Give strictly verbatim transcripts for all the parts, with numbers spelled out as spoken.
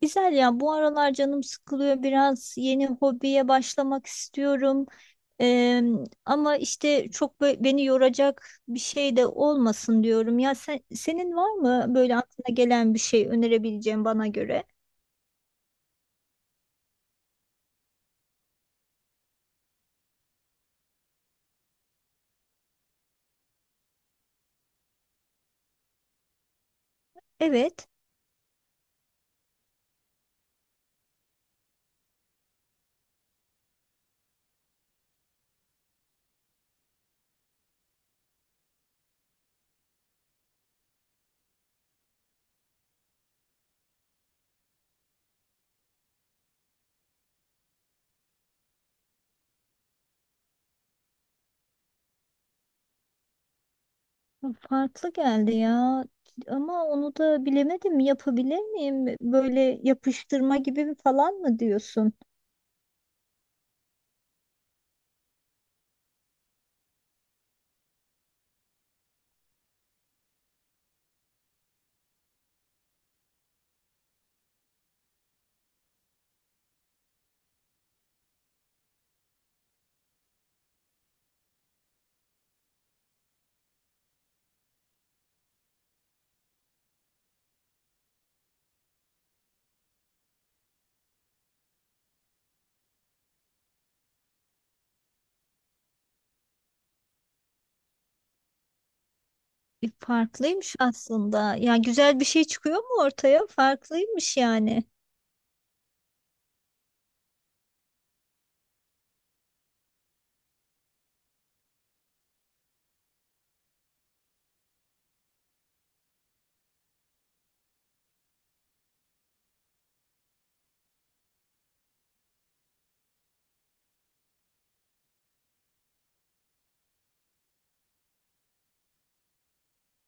Güzel ya, bu aralar canım sıkılıyor, biraz yeni hobiye başlamak istiyorum. Eee, Ama işte çok bö- beni yoracak bir şey de olmasın diyorum ya, sen, senin var mı böyle aklına gelen bir şey önerebileceğin bana göre? Evet, farklı geldi ya, ama onu da bilemedim, yapabilir miyim böyle yapıştırma gibi bir falan mı diyorsun? E, farklıymış aslında ya, güzel bir şey çıkıyor mu ortaya, farklıymış yani.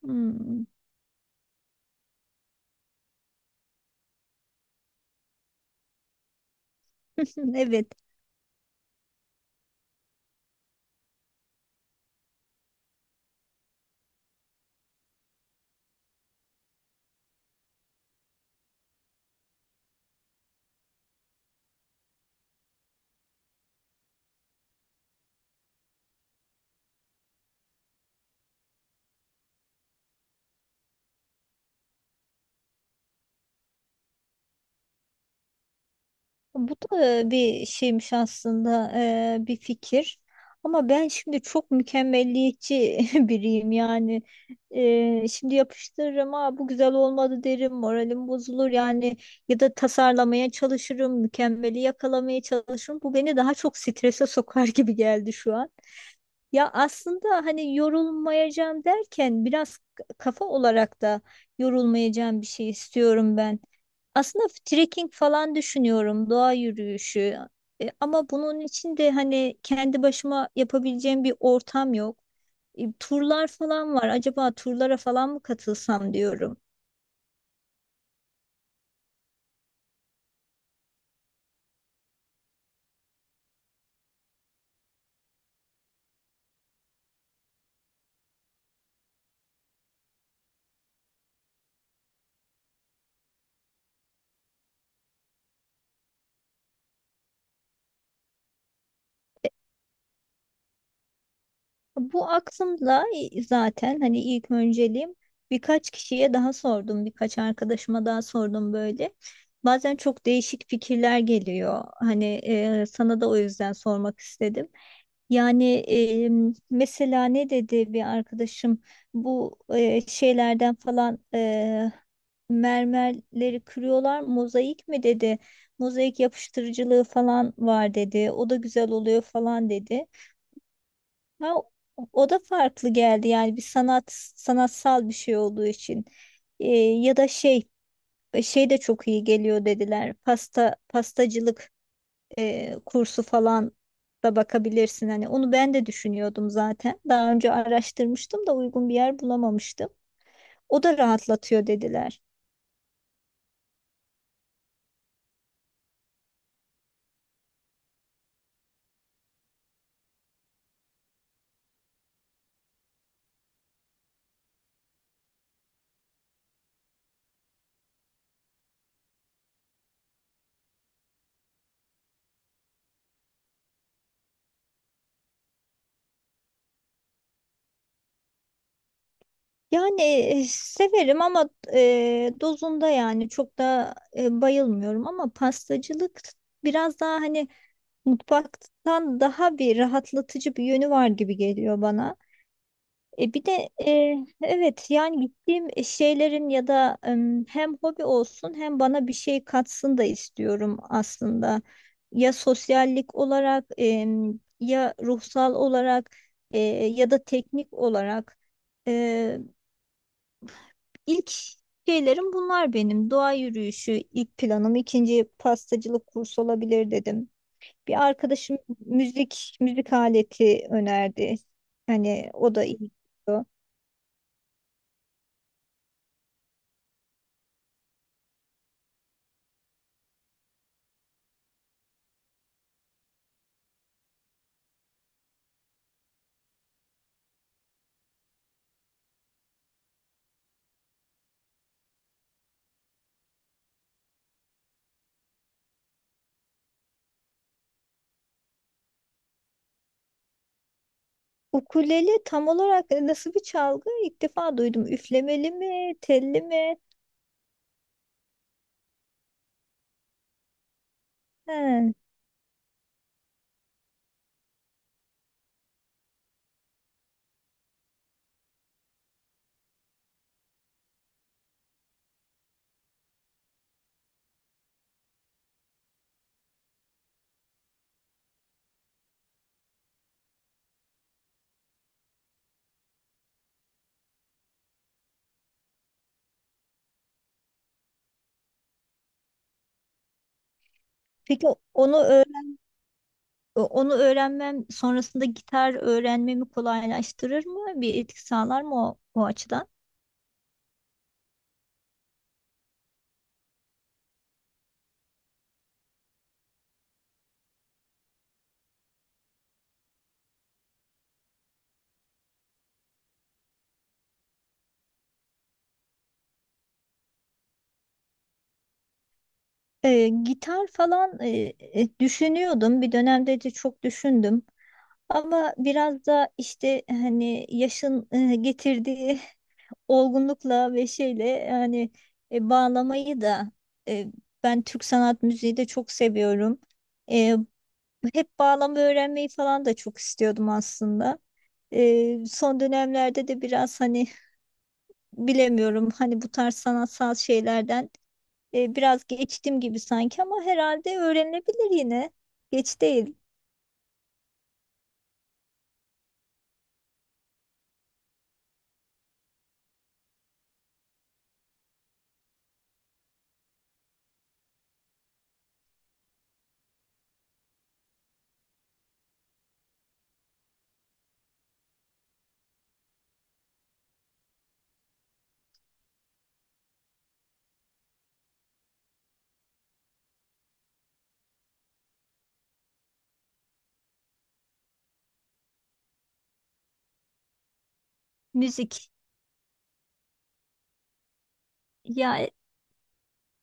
Hmm. Evet, bu da bir şeymiş aslında, eee, bir fikir. Ama ben şimdi çok mükemmelliyetçi biriyim yani. Eee, şimdi yapıştırırım, aa, bu güzel olmadı derim, moralim bozulur yani. Ya da tasarlamaya çalışırım, mükemmeli yakalamaya çalışırım. Bu beni daha çok strese sokar gibi geldi şu an. Ya aslında hani yorulmayacağım derken biraz kafa olarak da yorulmayacağım bir şey istiyorum ben. Aslında trekking falan düşünüyorum, doğa yürüyüşü. E, ama bunun için de hani kendi başıma yapabileceğim bir ortam yok. E, turlar falan var. Acaba turlara falan mı katılsam diyorum. Bu aklımda zaten, hani ilk önceliğim, birkaç kişiye daha sordum, birkaç arkadaşıma daha sordum böyle. Bazen çok değişik fikirler geliyor. Hani e, sana da o yüzden sormak istedim. Yani e, mesela ne dedi bir arkadaşım, bu e, şeylerden falan, e, mermerleri kırıyorlar, mozaik mi dedi. Mozaik yapıştırıcılığı falan var dedi. O da güzel oluyor falan dedi. Ha, o o da farklı geldi yani, bir sanat sanatsal bir şey olduğu için. Ee, ya da şey, e, şey de çok iyi geliyor dediler, pasta pastacılık e, kursu falan da bakabilirsin, hani onu ben de düşünüyordum zaten, daha önce araştırmıştım da uygun bir yer bulamamıştım. O da rahatlatıyor dediler. Yani e, severim, ama e, dozunda yani, çok da e, bayılmıyorum, ama pastacılık biraz daha hani mutfaktan daha bir rahatlatıcı bir yönü var gibi geliyor bana. E bir de e, evet, yani gittiğim şeylerin ya da em, hem hobi olsun hem bana bir şey katsın da istiyorum aslında. Ya sosyallik olarak em, ya ruhsal olarak, e, ya da teknik olarak. E, ilk şeylerim bunlar benim. Doğa yürüyüşü ilk planım, ikinci pastacılık kursu olabilir dedim. Bir arkadaşım müzik müzik aleti önerdi. Hani o da iyi. Ukulele tam olarak e, nasıl bir çalgı? İlk defa duydum. Üflemeli mi, telli mi? He. Peki onu öğren- onu öğrenmem sonrasında gitar öğrenmemi kolaylaştırır mı? Bir etki sağlar mı o, o açıdan? E, gitar falan, e, e, düşünüyordum. Bir dönemde de çok düşündüm. Ama biraz da işte hani yaşın e, getirdiği olgunlukla ve şeyle yani, e, bağlamayı da, e, ben Türk sanat müziği de çok seviyorum. E, Hep bağlama öğrenmeyi falan da çok istiyordum aslında. E, son dönemlerde de biraz hani bilemiyorum, hani bu tarz sanatsal şeylerden e, biraz geçtim gibi sanki, ama herhalde öğrenilebilir yine. Geç değil. Müzik. Ya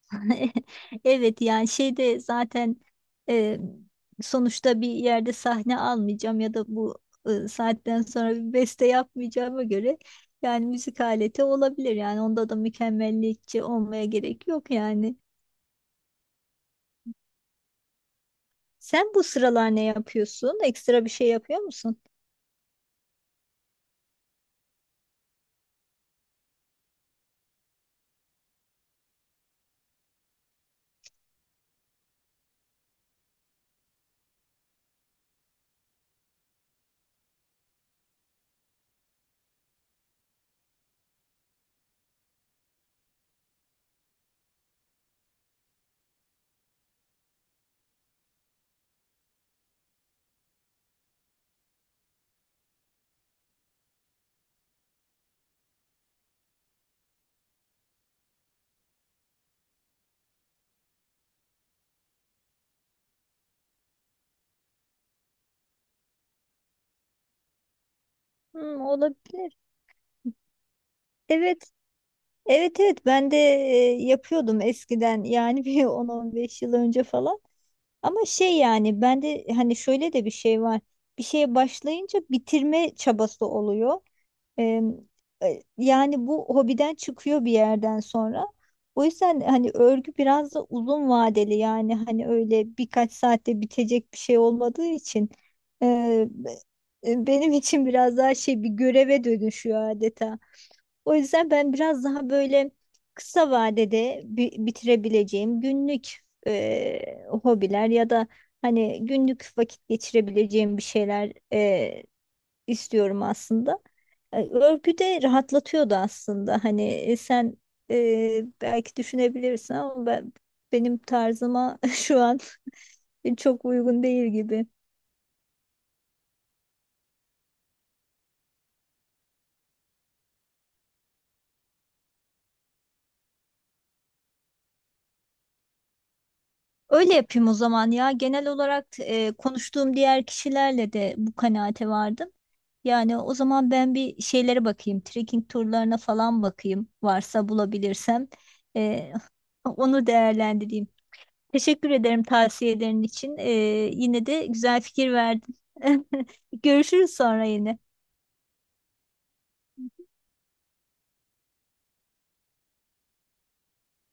evet, yani şeyde zaten e, sonuçta bir yerde sahne almayacağım ya da bu e, saatten sonra bir beste yapmayacağıma göre, yani müzik aleti olabilir yani, onda da mükemmelliyetçi olmaya gerek yok yani. Sen bu sıralar ne yapıyorsun? Ekstra bir şey yapıyor musun? Hmm, olabilir. Evet, evet evet, ben de e, yapıyordum eskiden yani, bir on on beş yıl önce falan. Ama şey, yani bende hani şöyle de bir şey var. Bir şeye başlayınca bitirme çabası oluyor. Ee, e, Yani bu hobiden çıkıyor bir yerden sonra. O yüzden hani örgü biraz da uzun vadeli, yani hani öyle birkaç saatte bitecek bir şey olmadığı için, e, be- e, benim için biraz daha şey, bir göreve dönüşüyor adeta. O yüzden ben biraz daha böyle kısa vadede bi- bitirebileceğim günlük e, hobiler ya da hani günlük vakit geçirebileceğim bir şeyler e, istiyorum aslında. E, örgü de rahatlatıyordu aslında. Hani e, sen e, belki düşünebilirsin, ama ben, benim tarzıma şu an çok uygun değil gibi. Öyle yapayım o zaman ya. Genel olarak e, konuştuğum diğer kişilerle de bu kanaate vardım. Yani o zaman ben bir şeylere bakayım. Trekking turlarına falan bakayım. Varsa bulabilirsem. Ee, onu değerlendireyim. Teşekkür ederim tavsiyelerin için. Ee, yine de güzel fikir verdin. Görüşürüz sonra yine.